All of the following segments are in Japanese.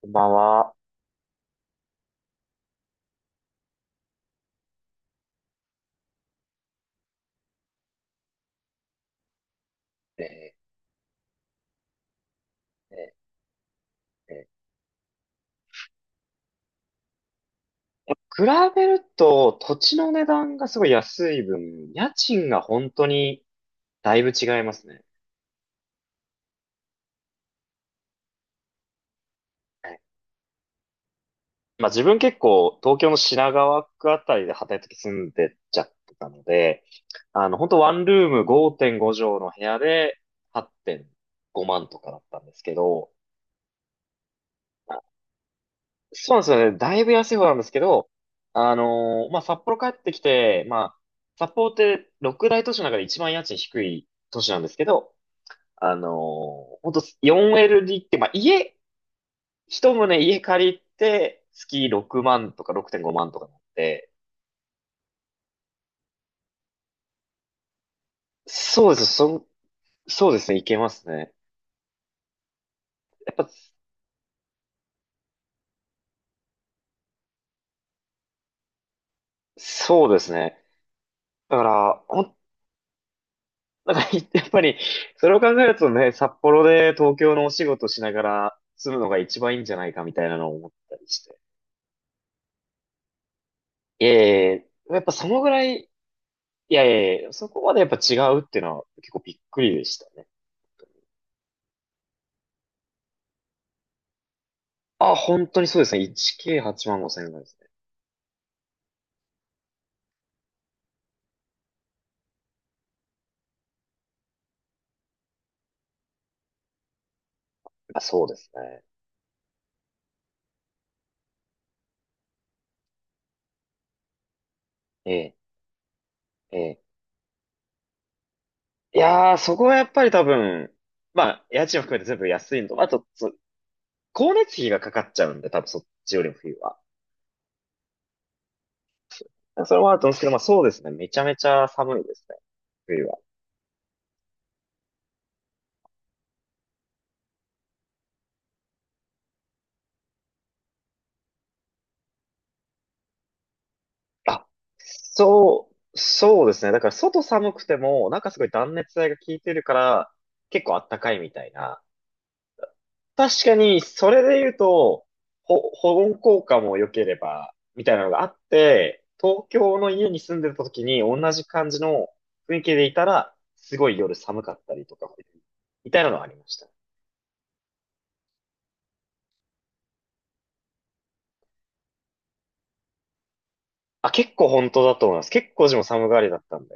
こんばんは。えーえーえー比べると土地の値段がすごい安い分、家賃が本当にだいぶ違いますね。はい、まあ自分結構東京の品川区あたりで働いてき住んでっちゃってたので、あの本当ワンルーム5.5畳の部屋で8.5万とかだったんですけど、そうなんですよね。だいぶ安い方なんですけど、まあ、札幌帰ってきて、まあ、札幌って六大都市の中で一番家賃低い都市なんですけど、ほんと 4LD って、まあ、一棟家借りて、月6万とか6.5万とかなって、そうです、そん、そうですね、いけますね。やっぱ、そうですね。だから、なんか、やっぱり、それを考えるとね、札幌で東京のお仕事しながら住むのが一番いいんじゃないかみたいなのを思ったりして。いやいやいや、やっぱそのぐらい、いやいやいや、そこまでやっぱ違うっていうのは結構びっくりでしたね。あ、本当にそうですね。1K8 万5 0円ぐらいですね。あ、そうですね。ええ、ええ。いやー、そこはやっぱり多分、まあ、家賃を含めて全部安いのと、あと、光熱費がかかっちゃうんで、多分そっちよりも冬は。それもあると思うんですけど、まあそうですね。めちゃめちゃ寒いですね。冬は。あ、そうですね。だから外寒くても、なんかすごい断熱材が効いてるから、結構あったかいみたいな。確かに、それで言うと、保温効果も良ければ、みたいなのがあって、東京の家に住んでた時に同じ感じの雰囲気でいたら、すごい夜寒かったりとか、みたいなのはありました。あ、結構本当だと思います。結構自も寒がりだったんで、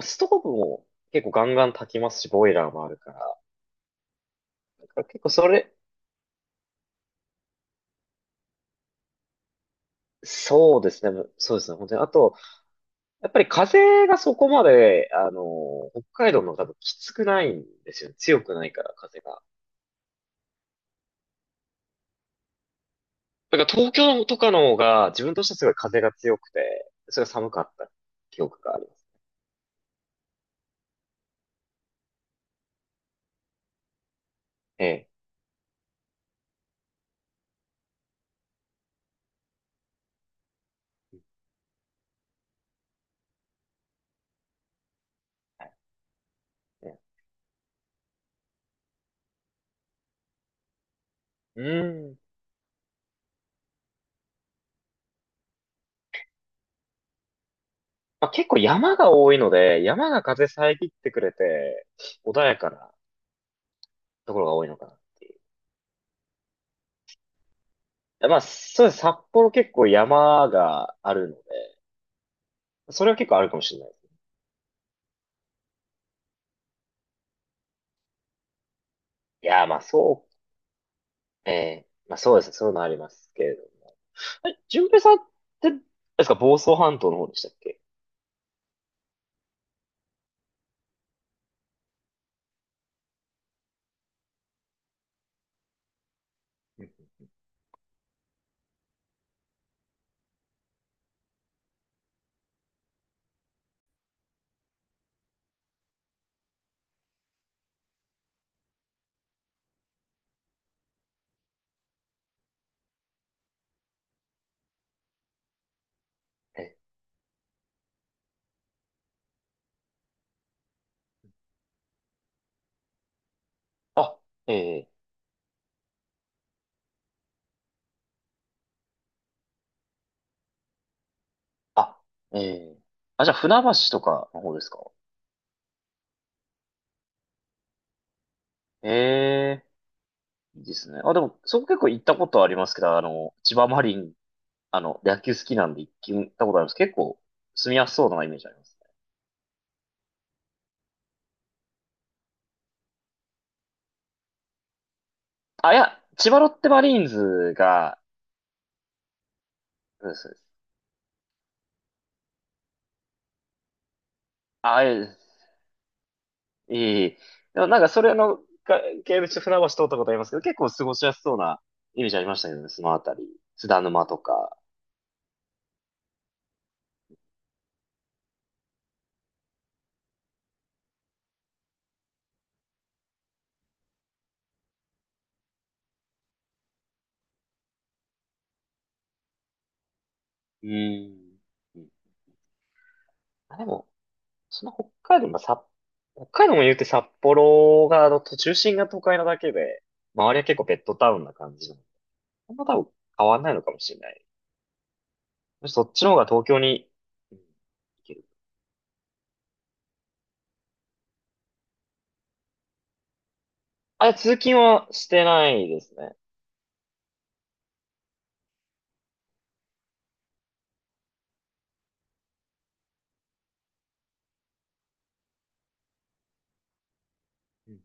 ストーブも結構ガンガン炊きますし、ボイラーもあるから、だから結構それ、そうですね。そうですね。本当に。あと、やっぱり風がそこまで、北海道の方がきつくないんですよね。強くないから、風が。だから東京とかの方が、自分としてはすごい風が強くて、それが寒かった記憶があります。ええ。はい、ね、うん。まあ、結構山が多いので、山が風遮ってくれて、穏やかなところが多いのかなっていう。いや、まあ、そうです。札幌結構山があるので、それは結構あるかもしれないです。いや、まあ、ええ、まあそうですね、そういうのありますけれど。え、淳平さんって、あれですか、房総半島の方でしたっけ？うん、え、あ、ええ、あ、ええ。あ、じゃあ船橋とかの方ですか？ええ、いいですね。あ、でも、そこ結構行ったことありますけど、あの、千葉マリン、あの、野球好きなんで行ったことあります。結構、住みやすそうなイメージありますね。あ、いや、千葉ロッテマリーンズが、そうです。そうです。あ、ええ、いい。でもなんかそれのか系でちょっと船橋通ったことありますけど、結構過ごしやすそうなイメージありましたけどね、そのあたり。津田沼とか。うーん。うん。あ、でも、その北海道、まあ、北海道も言うて札幌が、の中心が都会なだけで、周りは結構ベッドタウンな感じなの。あんま多分変わんないのかもしれない。むしろそっちの方が東京に、うん、行ける。あ、通勤はしてないですね。う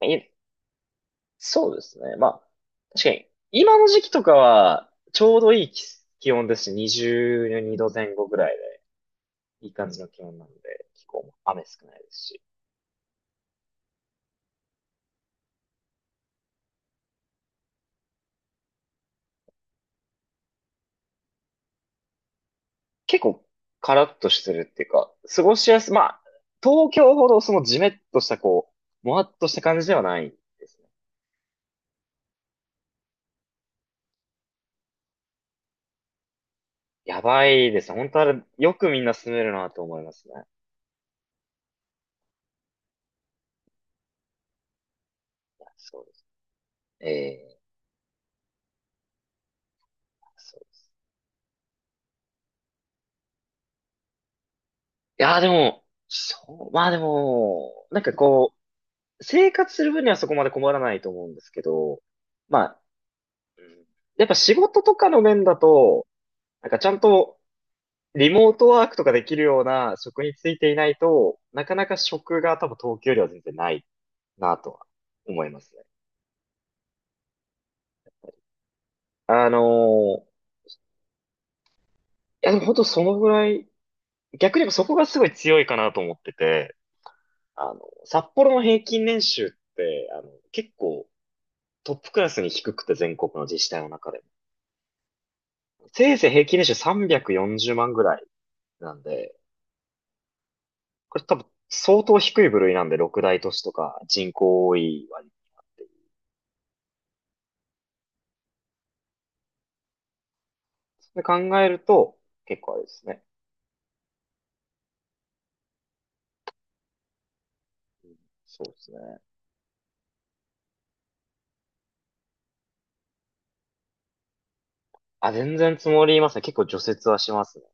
ん、そうですね。まあ、確かに、今の時期とかは、ちょうどいい気温ですし、22度前後ぐらいで、いい感じの気温なので、気候も雨少ないですし、結構カラッとしてるっていうか、過ごしやす、まあ、東京ほどそのジメッとしたこう、もわっとした感じではないですね。やばいですね。本当あれ、よくみんな住めるなと思いますね。そうです。ええ、そうです。いやーでも、そう、まあでも、なんかこう、生活する分にはそこまで困らないと思うんですけど、まあ、うん、やっぱ仕事とかの面だと、なんかちゃんとリモートワークとかできるような職についていないと、なかなか職が多分東京よりは全然ないなとは思いますね。あのーいやでも本当そのぐらい、逆に言えばそこがすごい強いかなと思ってて、札幌の平均年収って、結構トップクラスに低くて全国の自治体の中でも。せいぜい平均年収340万ぐらい。なんで、これ多分相当低い部類なんで、六大都市とか人口多い割になっている。そ考えると、結構あれですね。そうですね。あ、全然積もりますね。結構除雪はしますね。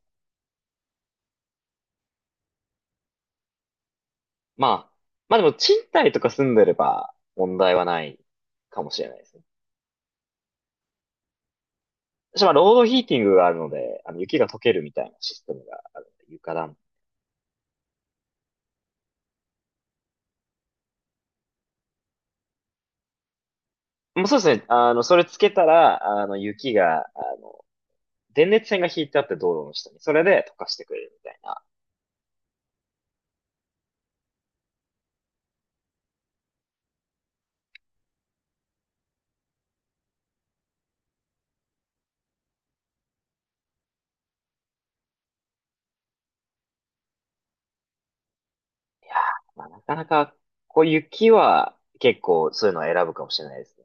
まあ、まあ、でも賃貸とか住んでれば問題はないかもしれないですね。私はロードヒーティングがあるので、あの雪が溶けるみたいなシステムがあるので、床暖。もうそうですね。それつけたら、あの、雪が、あ電熱線が引いてあって道路の下に、それで溶かしてくれるみたいな。まあ、なかなか、こう雪は結構そういうのを選ぶかもしれないです。